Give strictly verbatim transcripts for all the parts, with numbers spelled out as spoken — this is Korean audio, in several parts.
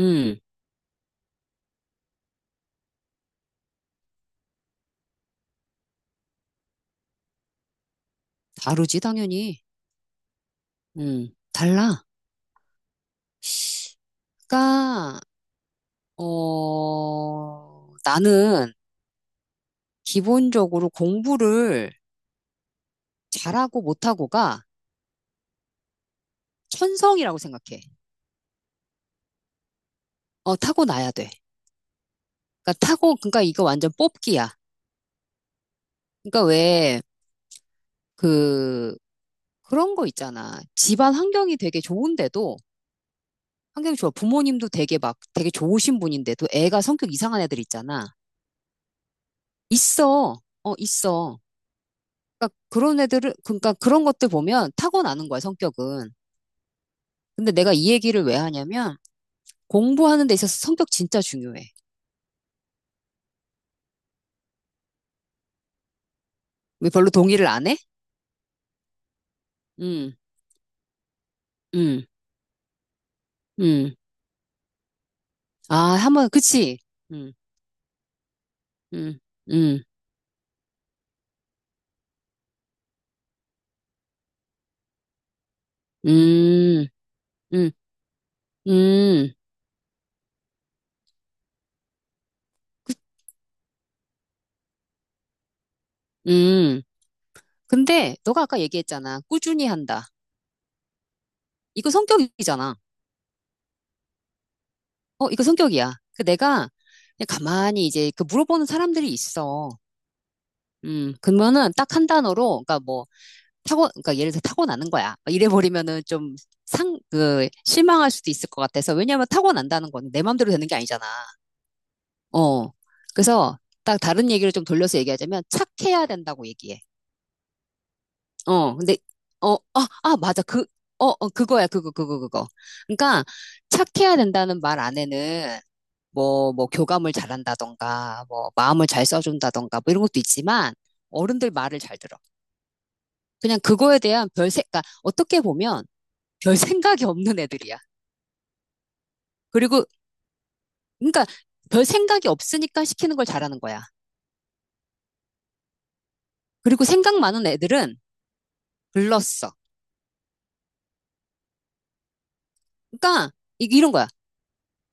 음, 다르지, 당연히. 음, 달라. 그러니까, 어, 나는 기본적으로 공부를 잘하고 못하고가 천성이라고 생각해. 어, 타고나야 돼. 그러니까 타고, 그러니까 이거 완전 뽑기야. 그러니까 왜, 그, 그런 거 있잖아. 집안 환경이 되게 좋은데도, 환경이 좋아. 부모님도 되게 막, 되게 좋으신 분인데도 애가 성격 이상한 애들 있잖아. 있어. 어, 있어. 그러니까 그런 애들을, 그러니까 그런 것들 보면 타고나는 거야, 성격은. 근데 내가 이 얘기를 왜 하냐면 공부하는 데 있어서 성격 진짜 중요해. 왜 별로 동의를 안 해? 음, 음, 음. 아, 한번, 그치? 음, 음, 음, 음, 음, 음. 음. 근데 너가 아까 얘기했잖아. 꾸준히 한다. 이거 성격이잖아. 어, 이거 성격이야. 그 내가 그냥 가만히 이제 그 물어보는 사람들이 있어. 음, 그러면은 딱 한 단어로, 그러니까 뭐, 타고, 그러니까 예를 들어 타고나는 거야. 이래버리면은 좀 상, 그, 실망할 수도 있을 것 같아서. 왜냐하면 타고난다는 건 내 마음대로 되는 게 아니잖아. 어. 그래서 딱 다른 얘기를 좀 돌려서 얘기하자면 착해야 된다고 얘기해. 어. 근데, 어, 아, 아, 맞아. 그, 어, 어, 그거야. 그거, 그거, 그거. 그러니까 착해야 된다는 말 안에는 뭐, 뭐, 교감을 잘한다던가, 뭐, 마음을 잘 써준다던가, 뭐 이런 것도 있지만 어른들 말을 잘 들어. 그냥 그거에 대한 별색, 그러니까 어떻게 보면 별 생각이 없는 애들이야. 그리고, 그러니까 별 생각이 없으니까 시키는 걸 잘하는 거야. 그리고 생각 많은 애들은 글렀어. 그러니까 이- 이런 거야.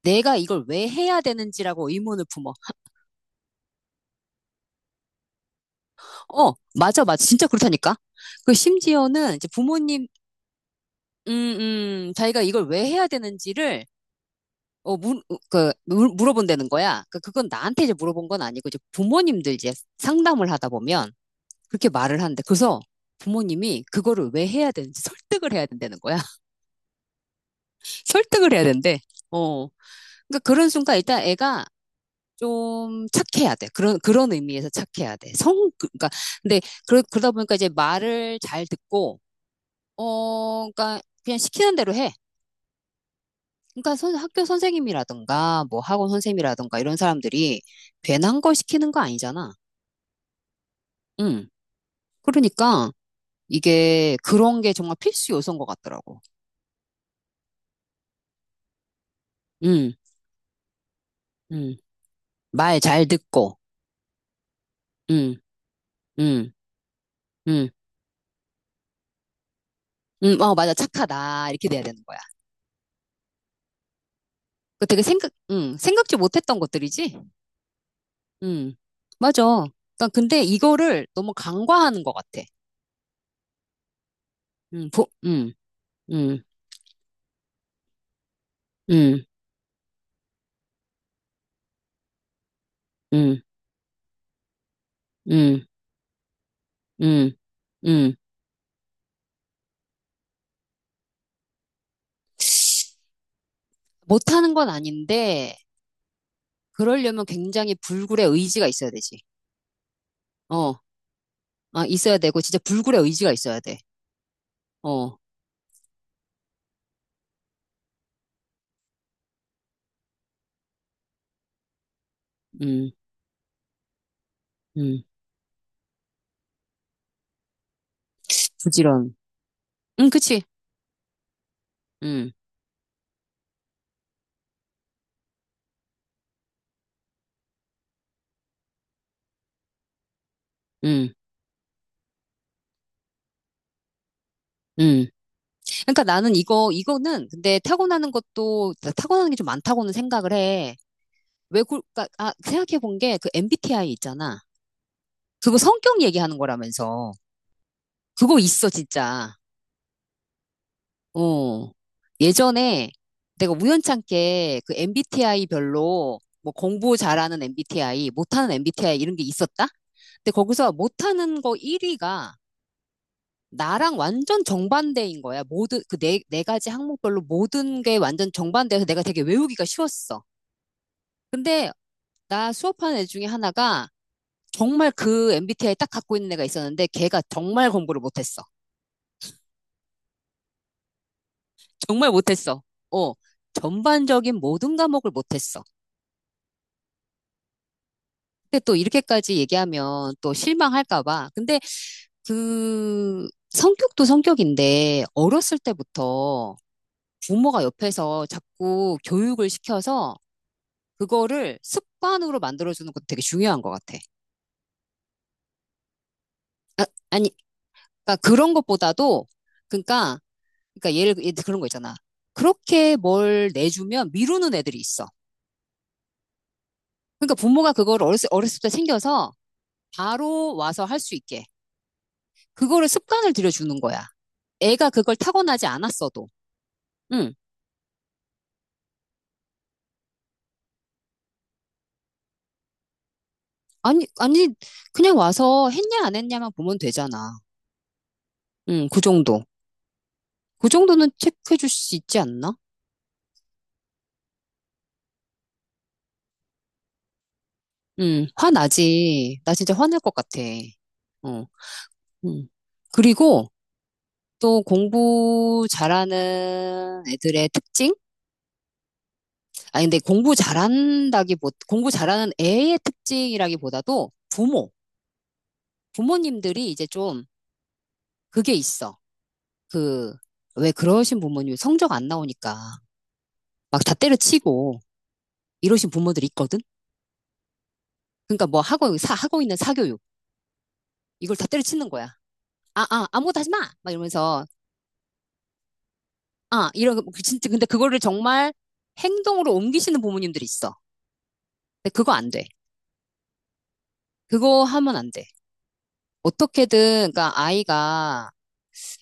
내가 이걸 왜 해야 되는지라고 의문을 품어. 어, 맞아, 맞아. 진짜 그렇다니까. 그 심지어는 이제 부모님, 음, 음, 자기가 이걸 왜 해야 되는지를 어, 물, 어, 그, 물- 물어본다는 거야. 그, 그건 나한테 이제 물어본 건 아니고, 이제 부모님들 이제 상담을 하다 보면, 그렇게 말을 하는데 그래서 부모님이 그거를 왜 해야 되는지 설득을 해야 된다는 거야. 설득을 해야 된대. 어. 그러니까 그런 순간 일단 애가 좀 착해야 돼. 그런 그런 의미에서 착해야 돼. 성 그러니까 근데 그러, 그러다 보니까 이제 말을 잘 듣고 어 그러니까 그냥 시키는 대로 해. 그러니까 선, 학교 선생님이라든가 뭐 학원 선생님이라든가 이런 사람들이 괜한 걸 시키는 거 아니잖아. 응. 그러니까 이게 그런 게 정말 필수 요소인 것 같더라고. 응. 응. 말 잘 듣고, 응, 응, 응, 응, 어, 맞아, 착하다. 이렇게 돼야 되는 거야. 그 되게 생각, 응, 생각지 못했던 것들이지? 응, 맞아. 그러니까 근데 이거를 너무 간과하는 것 같아. 응, 보, 응, 응, 응, 응, 응, 응, 응. 못하는 건 아닌데, 그러려면 굉장히 불굴의 의지가 있어야 되지. 어, 아, 있어야 되고, 진짜 불굴의 의지가 있어야 돼. 어, 음, 음, 부지런. 응, 그치. 응, 응, 응. 그러니까 나는 이거, 이거는 근데 타고나는 것도, 타고나는 게 좀 많다고는 생각을 해. 왜, 그, 까 아, 생각해 본 게 그 엠비티아이 있잖아. 그거 성격 얘기하는 거라면서. 그거 있어, 진짜. 어. 예전에 내가 우연찮게 그 엠비티아이 별로 뭐 공부 잘하는 엠비티아이, 못하는 엠비티아이 이런 게 있었다? 근데 거기서 못하는 거 일 위가 나랑 완전 정반대인 거야. 모든, 그 네, 네 가지 항목별로 모든 게 완전 정반대여서 내가 되게 외우기가 쉬웠어. 근데 나 수업하는 애 중에 하나가 정말 그 엠비티아이 딱 갖고 있는 애가 있었는데 걔가 정말 공부를 못했어. 정말 못했어. 어, 전반적인 모든 과목을 못했어. 근데 또 이렇게까지 얘기하면 또 실망할까 봐. 근데 그 성격도 성격인데 어렸을 때부터 부모가 옆에서 자꾸 교육을 시켜서 그거를 습관으로 만들어주는 것도 되게 중요한 것 같아. 아, 아니, 그러니까 그런 것보다도 그러니까 그러니까 예를 그런 거 있잖아. 그렇게 뭘 내주면 미루는 애들이 있어. 그러니까 부모가 그걸 어렸을, 어렸을 때 챙겨서 바로 와서 할 수 있게 그거를 습관을 들여주는 거야. 애가 그걸 타고나지 않았어도. 응. 아니, 아니, 그냥 와서 했냐 안 했냐만 보면 되잖아. 응, 그 정도. 그 정도는 체크해 줄 수 있지 않나? 응, 화나지. 나 진짜 화날 것 같아. 어, 응. 그리고 또 공부 잘하는 애들의 특징? 아니, 근데 공부 잘한다기, 보 공부 잘하는 애의 특징이라기보다도 부모, 부모님들이 이제 좀 그게 있어. 그, 왜 그러신 부모님 성적 안 나오니까 막 다 때려치고 이러신 부모들이 있거든? 그러니까 뭐 하고, 사, 하고 있는 사교육, 이걸 다 때려치는 거야. 아, 아, 아무것도 하지 마! 막 이러면서, 아, 이런, 진짜, 근데 그거를 정말 행동으로 옮기시는 부모님들이 있어. 근데 그거 안 돼. 그거 하면 안 돼. 어떻게든, 그러니까 아이가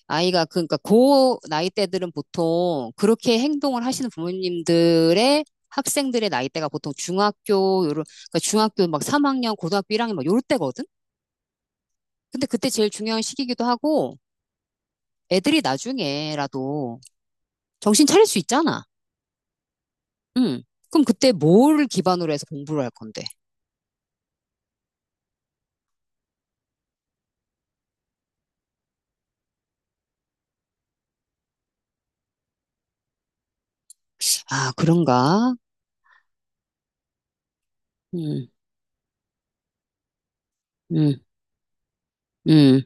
아이가 그러니까 고 나이대들은 보통 그렇게 행동을 하시는 부모님들의 학생들의 나이대가 보통 중학교 요런 그러니까 중학교 막 삼 학년, 고등학교 일 학년 막 요럴 때거든. 근데 그때 제일 중요한 시기이기도 하고 애들이 나중에라도 정신 차릴 수 있잖아. 음. 그럼 그때 뭘 기반으로 해서 공부를 할 건데? 아, 그런가? 음. 음. 음.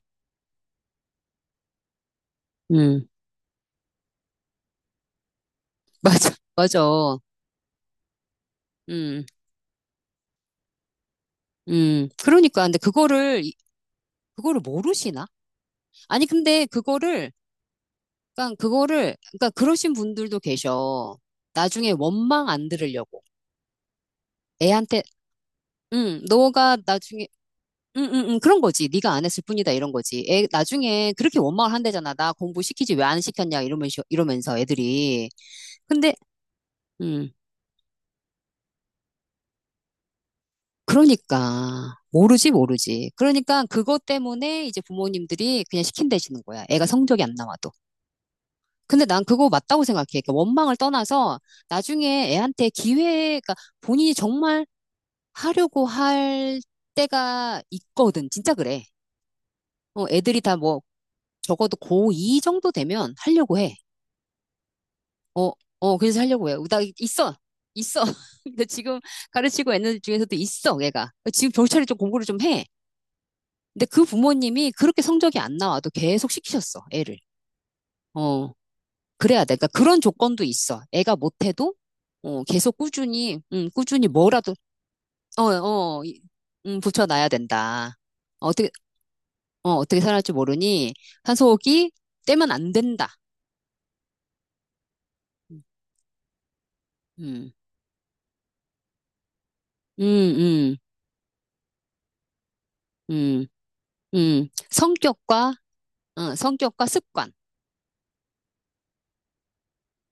음. 맞아. 맞아. 음. 음. 그러니까 근데 그거를 이- 그거를 모르시나? 아니, 근데 그거를 그러니까 그거를 그러니까 그러신 분들도 계셔. 나중에 원망 안 들으려고 애한테 응 너가 나중에 응응응 그런 거지. 네가 안 했을 뿐이다 이런 거지. 애 나중에 그렇게 원망을 한대잖아. 나 공부 시키지 왜 안 시켰냐 이러면서 이러면서 애들이. 근데 음 그러니까 모르지 모르지. 그러니까 그것 때문에 이제 부모님들이 그냥 시킨대시는 거야. 애가 성적이 안 나와도. 근데 난 그거 맞다고 생각해. 그러니까 원망을 떠나서 나중에 애한테 기회가 본인이 정말 하려고 할 때가 있거든. 진짜 그래. 어, 애들이 다 뭐, 적어도 고이 정도 되면 하려고 해. 어, 어, 그래서 하려고 해. 나 있어. 있어. 근데 지금 가르치고 애들 중에서도 있어, 얘가. 지금 겨우차례 좀 공부를 좀 해. 근데 그 부모님이 그렇게 성적이 안 나와도 계속 시키셨어, 애를. 어, 그래야 돼. 그러니까 그런 조건도 있어. 애가 못해도, 어, 계속 꾸준히, 음, 꾸준히 뭐라도, 어, 어, 이- 음, 붙여놔야 된다. 어, 어떻게 살아날지 모르니 산소호흡이 떼면 안 된다. 음, 음, 음, 음, 음. 성격과, 어, 성격과 습관.